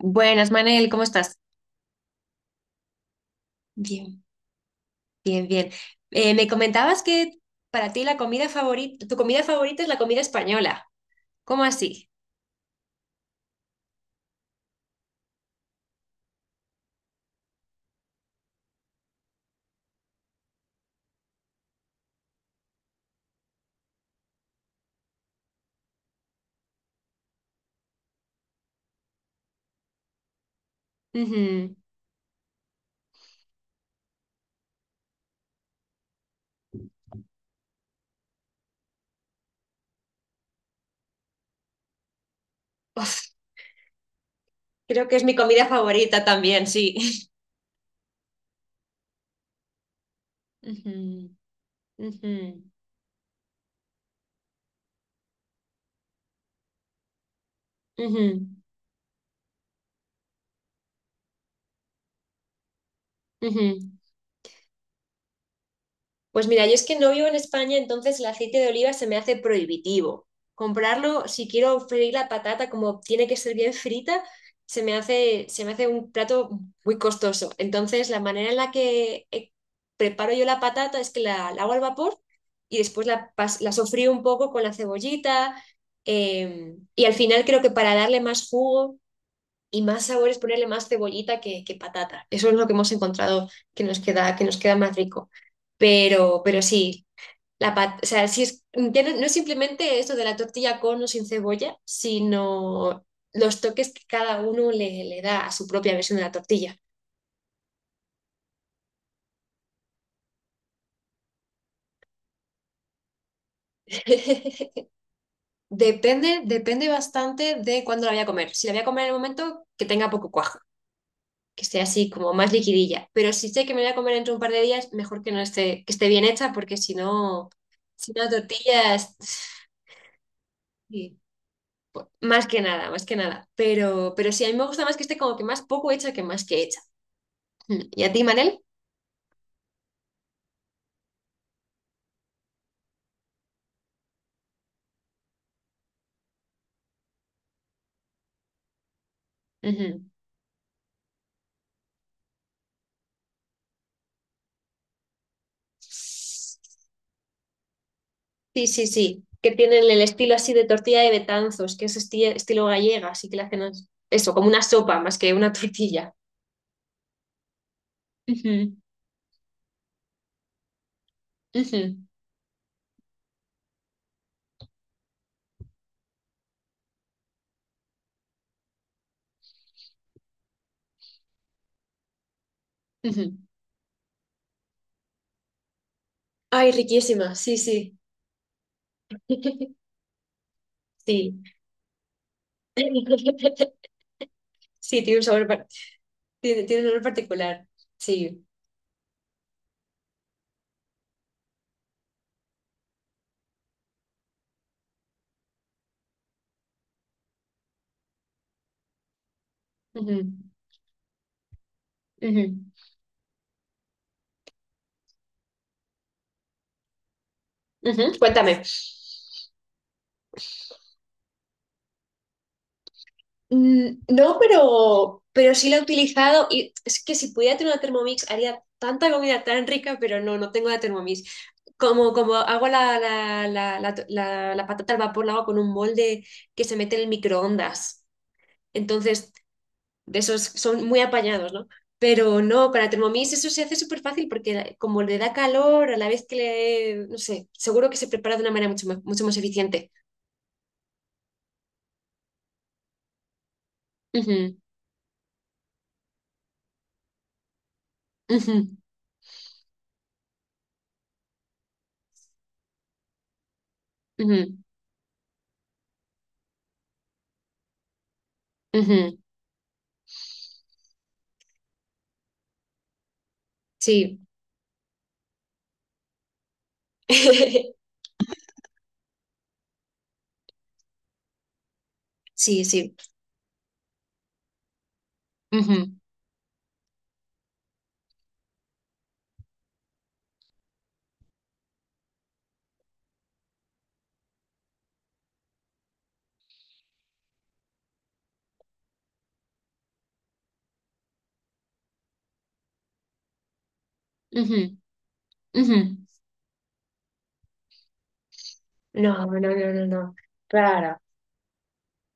Buenas, Manel, ¿cómo estás? Bien. Bien, bien. Me comentabas que para ti tu comida favorita es la comida española. ¿Cómo así? Ujú. Uf, creo que es mi comida favorita también, sí. Ujú, ujú, ujú, ujú. Pues mira, yo es que no vivo en España, entonces el aceite de oliva se me hace prohibitivo. Comprarlo, si quiero freír la patata como tiene que ser bien frita, se me hace un plato muy costoso. Entonces, la manera en la que preparo yo la patata es que la hago al vapor y después la sofrío un poco con la cebollita. Y al final creo que para darle más jugo y más sabor es ponerle más cebollita que patata. Eso es lo que hemos encontrado que nos queda más rico. Pero sí, o sea, sí es, ya no es simplemente esto de la tortilla con o sin cebolla, sino los toques que cada uno le da a su propia versión de la tortilla. Depende, depende bastante de cuándo la voy a comer. Si la voy a comer en el momento, que tenga poco cuajo, que esté así como más liquidilla. Pero si sé que me voy a comer dentro de un par de días, mejor que esté bien hecha, porque si no, tortillas, sí, más que nada, más que nada. Pero sí, a mí me gusta más que esté como que más poco hecha que más que hecha. Mm. ¿Y a ti, Manel? Ujú. Sí, sí, sí. Que tienen el estilo así de tortilla de Betanzos, que es estilo gallega, así que le hacen eso, como una sopa más que una tortilla. Ujú, ujú, ujú. Ay, riquísima, sí, sí. Sí. Sí, tiene un sabor, tiene un sabor particular. Sí. Ujú, ujú, ujú. Cuéntame. Mm, no, pero sí la he utilizado y es que si pudiera tener una Thermomix haría tanta comida tan rica, pero no tengo la Thermomix. Como hago la patata al vapor, la hago con un molde que se mete en el microondas. Entonces de esos son muy apañados, ¿no? Pero no, con la Thermomix eso se hace súper fácil porque como le da calor, a la vez que le, no sé, seguro que se prepara de una manera mucho más eficiente. Ujú, ujú, ujú, ujú, sí, sí, sí. Ujú, ujú, ujú. No, no, no, no, no. Claro.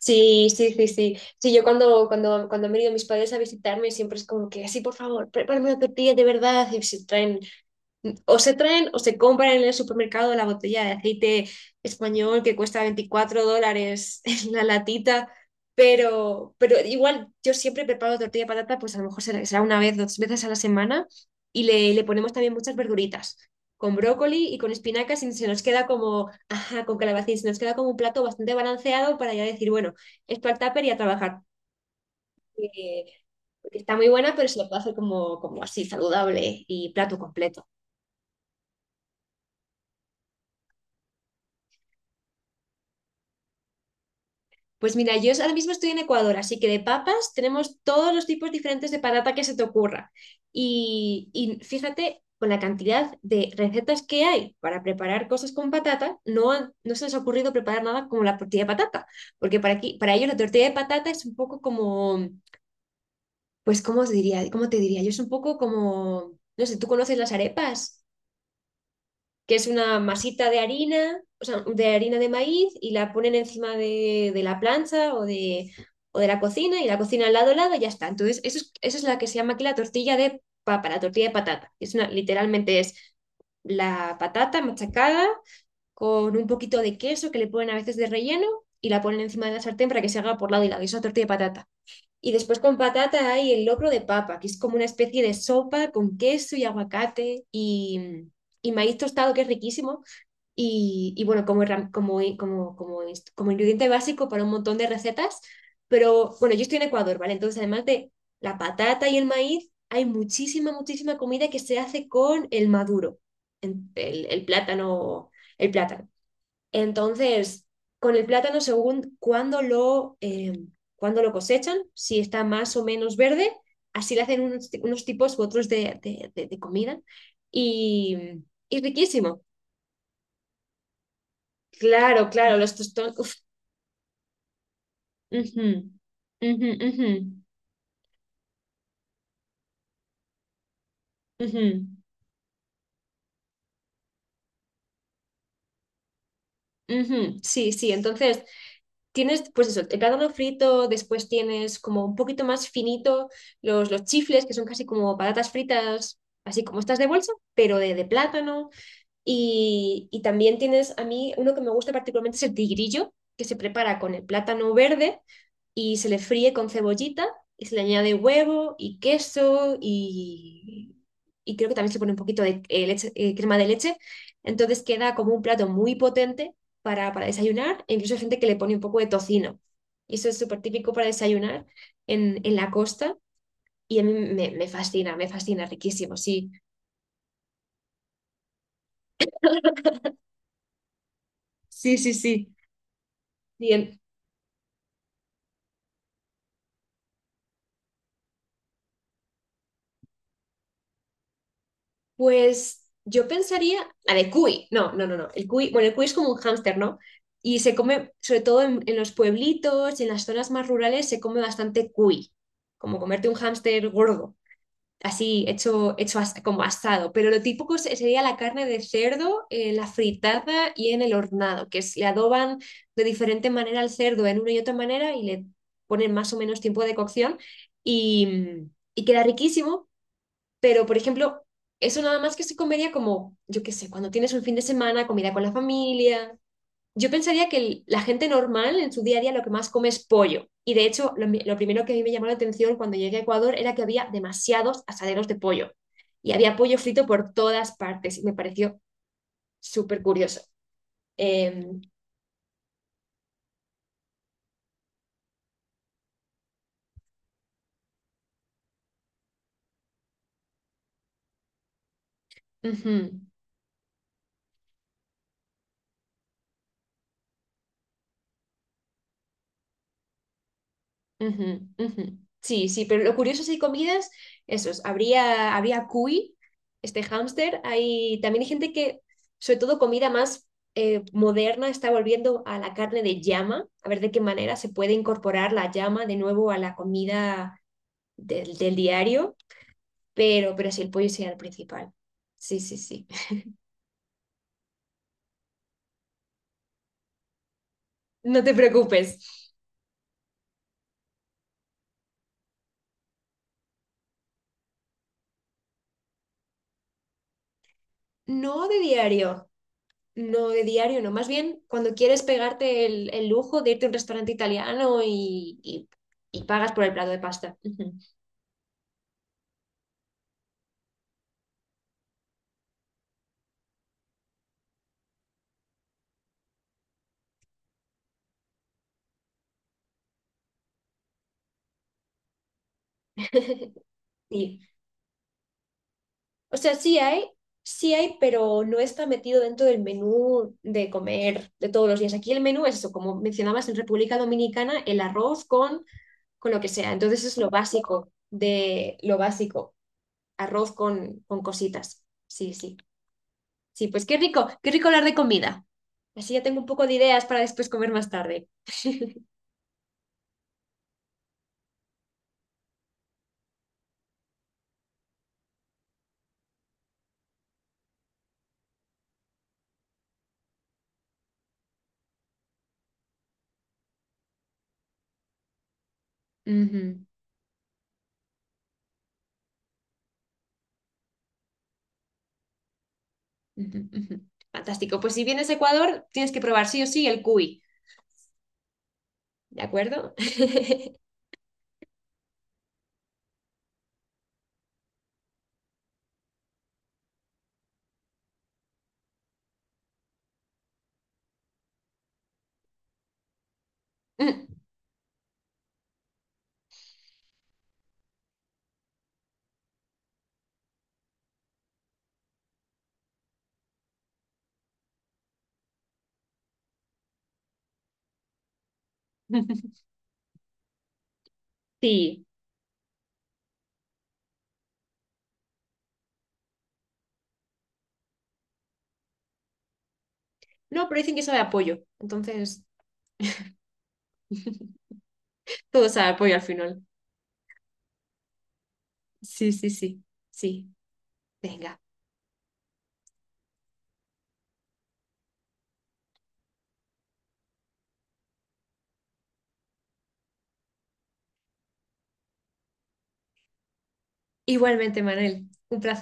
Sí, sí, sí, sí. Sí, yo cuando, cuando han venido mis padres a visitarme siempre es como que, sí, por favor, prepárame una tortilla de verdad. Y se traen O se traen o se compran en el supermercado la botella de aceite español que cuesta 24 dólares en la latita, pero igual yo siempre preparo tortilla de patata, pues a lo mejor será una vez, dos veces a la semana y le ponemos también muchas verduritas, con brócoli y con espinacas y se nos queda como, ajá, con calabacín, se nos queda como un plato bastante balanceado para ya decir, bueno, esto al tupper y a trabajar, eh, porque está muy buena, pero se lo puede hacer como, como así, saludable y plato completo. Pues mira, yo ahora mismo estoy en Ecuador, así que de papas tenemos todos los tipos diferentes de patata que se te ocurra. Y fíjate, con la cantidad de recetas que hay para preparar cosas con patata, no, no se les ha ocurrido preparar nada como la tortilla de patata, porque para aquí, para ellos la tortilla de patata es un poco como, pues, ¿cómo os diría? ¿Cómo te diría? Yo es un poco como, no sé, ¿tú conoces las arepas? Que es una masita de harina, o sea, de harina de maíz y la ponen encima de la plancha o de la cocina y la cocina al lado y ya está. Entonces, eso es la que se llama aquí la tortilla de papa, la tortilla de patata. Literalmente es la patata machacada con un poquito de queso que le ponen a veces de relleno y la ponen encima de la sartén para que se haga por lado y lado. Y es una tortilla de patata. Y después con patata hay el locro de papa, que es como una especie de sopa con queso y aguacate y maíz tostado, que es riquísimo. Y bueno, como, herram- como, como, como, inst- como ingrediente básico para un montón de recetas. Pero bueno, yo estoy en Ecuador, ¿vale? Entonces, además de la patata y el maíz, hay muchísima, muchísima comida que se hace con el maduro, el plátano, el plátano. Entonces, con el plátano, según cuándo lo cosechan, si está más o menos verde, así le hacen unos tipos u otros de comida. Y, y riquísimo. Claro, claro, los tostones. Uf, ujú, ujú, ujú, ujú, ujú. Sí, sí, entonces tienes, pues eso, el plátano frito, después tienes como un poquito más finito los chifles, que son casi como patatas fritas, así como estas de bolsa, pero de plátano. Y también tienes, a mí, uno que me gusta particularmente es el tigrillo, que se prepara con el plátano verde y se le fríe con cebollita y se le añade huevo y queso y creo que también se pone un poquito de crema de leche. Entonces queda como un plato muy potente para desayunar e incluso hay gente que le pone un poco de tocino. Y eso es súper típico para desayunar en la costa y a mí me fascina, me fascina, riquísimo, sí. Sí, sí, sí. Y en- Pues yo pensaría, la de cuy, no, no, no, no, el cuy, bueno, el cuy es como un hámster, ¿no? Y se come, sobre todo en los pueblitos y en las zonas más rurales, se come bastante cuy, como comerte un hámster gordo, así hecho, como asado, pero lo típico sería la carne de cerdo, la fritada y en el hornado, que es, le adoban de diferente manera al cerdo en una y otra manera y le ponen más o menos tiempo de cocción y, y queda riquísimo pero, por ejemplo, eso nada más que se comería como, yo qué sé, cuando tienes un fin de semana, comida con la familia. Yo pensaría que la gente normal en su día a día lo que más come es pollo. Y de hecho, lo primero que a mí me llamó la atención cuando llegué a Ecuador era que había demasiados asaderos de pollo. Y había pollo frito por todas partes. Y me pareció súper curioso. Em, ujú. Ujú, ujú. Sí, sí, pero lo curioso si hay comidas, esos, habría cuy, este hámster, hay gente que, sobre todo comida más moderna, está volviendo a la carne de llama, a ver de qué manera se puede incorporar la llama de nuevo a la comida del diario, pero sí, el pollo sería el principal. Sí, sí, sí. No te preocupes. No de diario. No, de diario no. Más bien, cuando quieres pegarte el lujo de irte a un restaurante italiano y pagas por el plato de pasta. Ujú. Sí. O sea, sí hay, pero no está metido dentro del menú de comer de todos los días. Aquí el menú es eso, como mencionabas en República Dominicana, el arroz con lo que sea. Entonces es lo básico de lo básico, arroz con cositas. Sí, sí. Sí, pues qué rico hablar de comida. Así ya tengo un poco de ideas para después comer más tarde. Ujú, ujú, ujú. Fantástico. Pues si vienes a Ecuador, tienes que probar sí o sí el cuy, ¿de acuerdo? Mm. Sí. No, pero dicen que sabe a pollo. Entonces, todo sabe a pollo al final. Sí, sí, sí. Sí. Venga. Igualmente, Manuel. Un placer.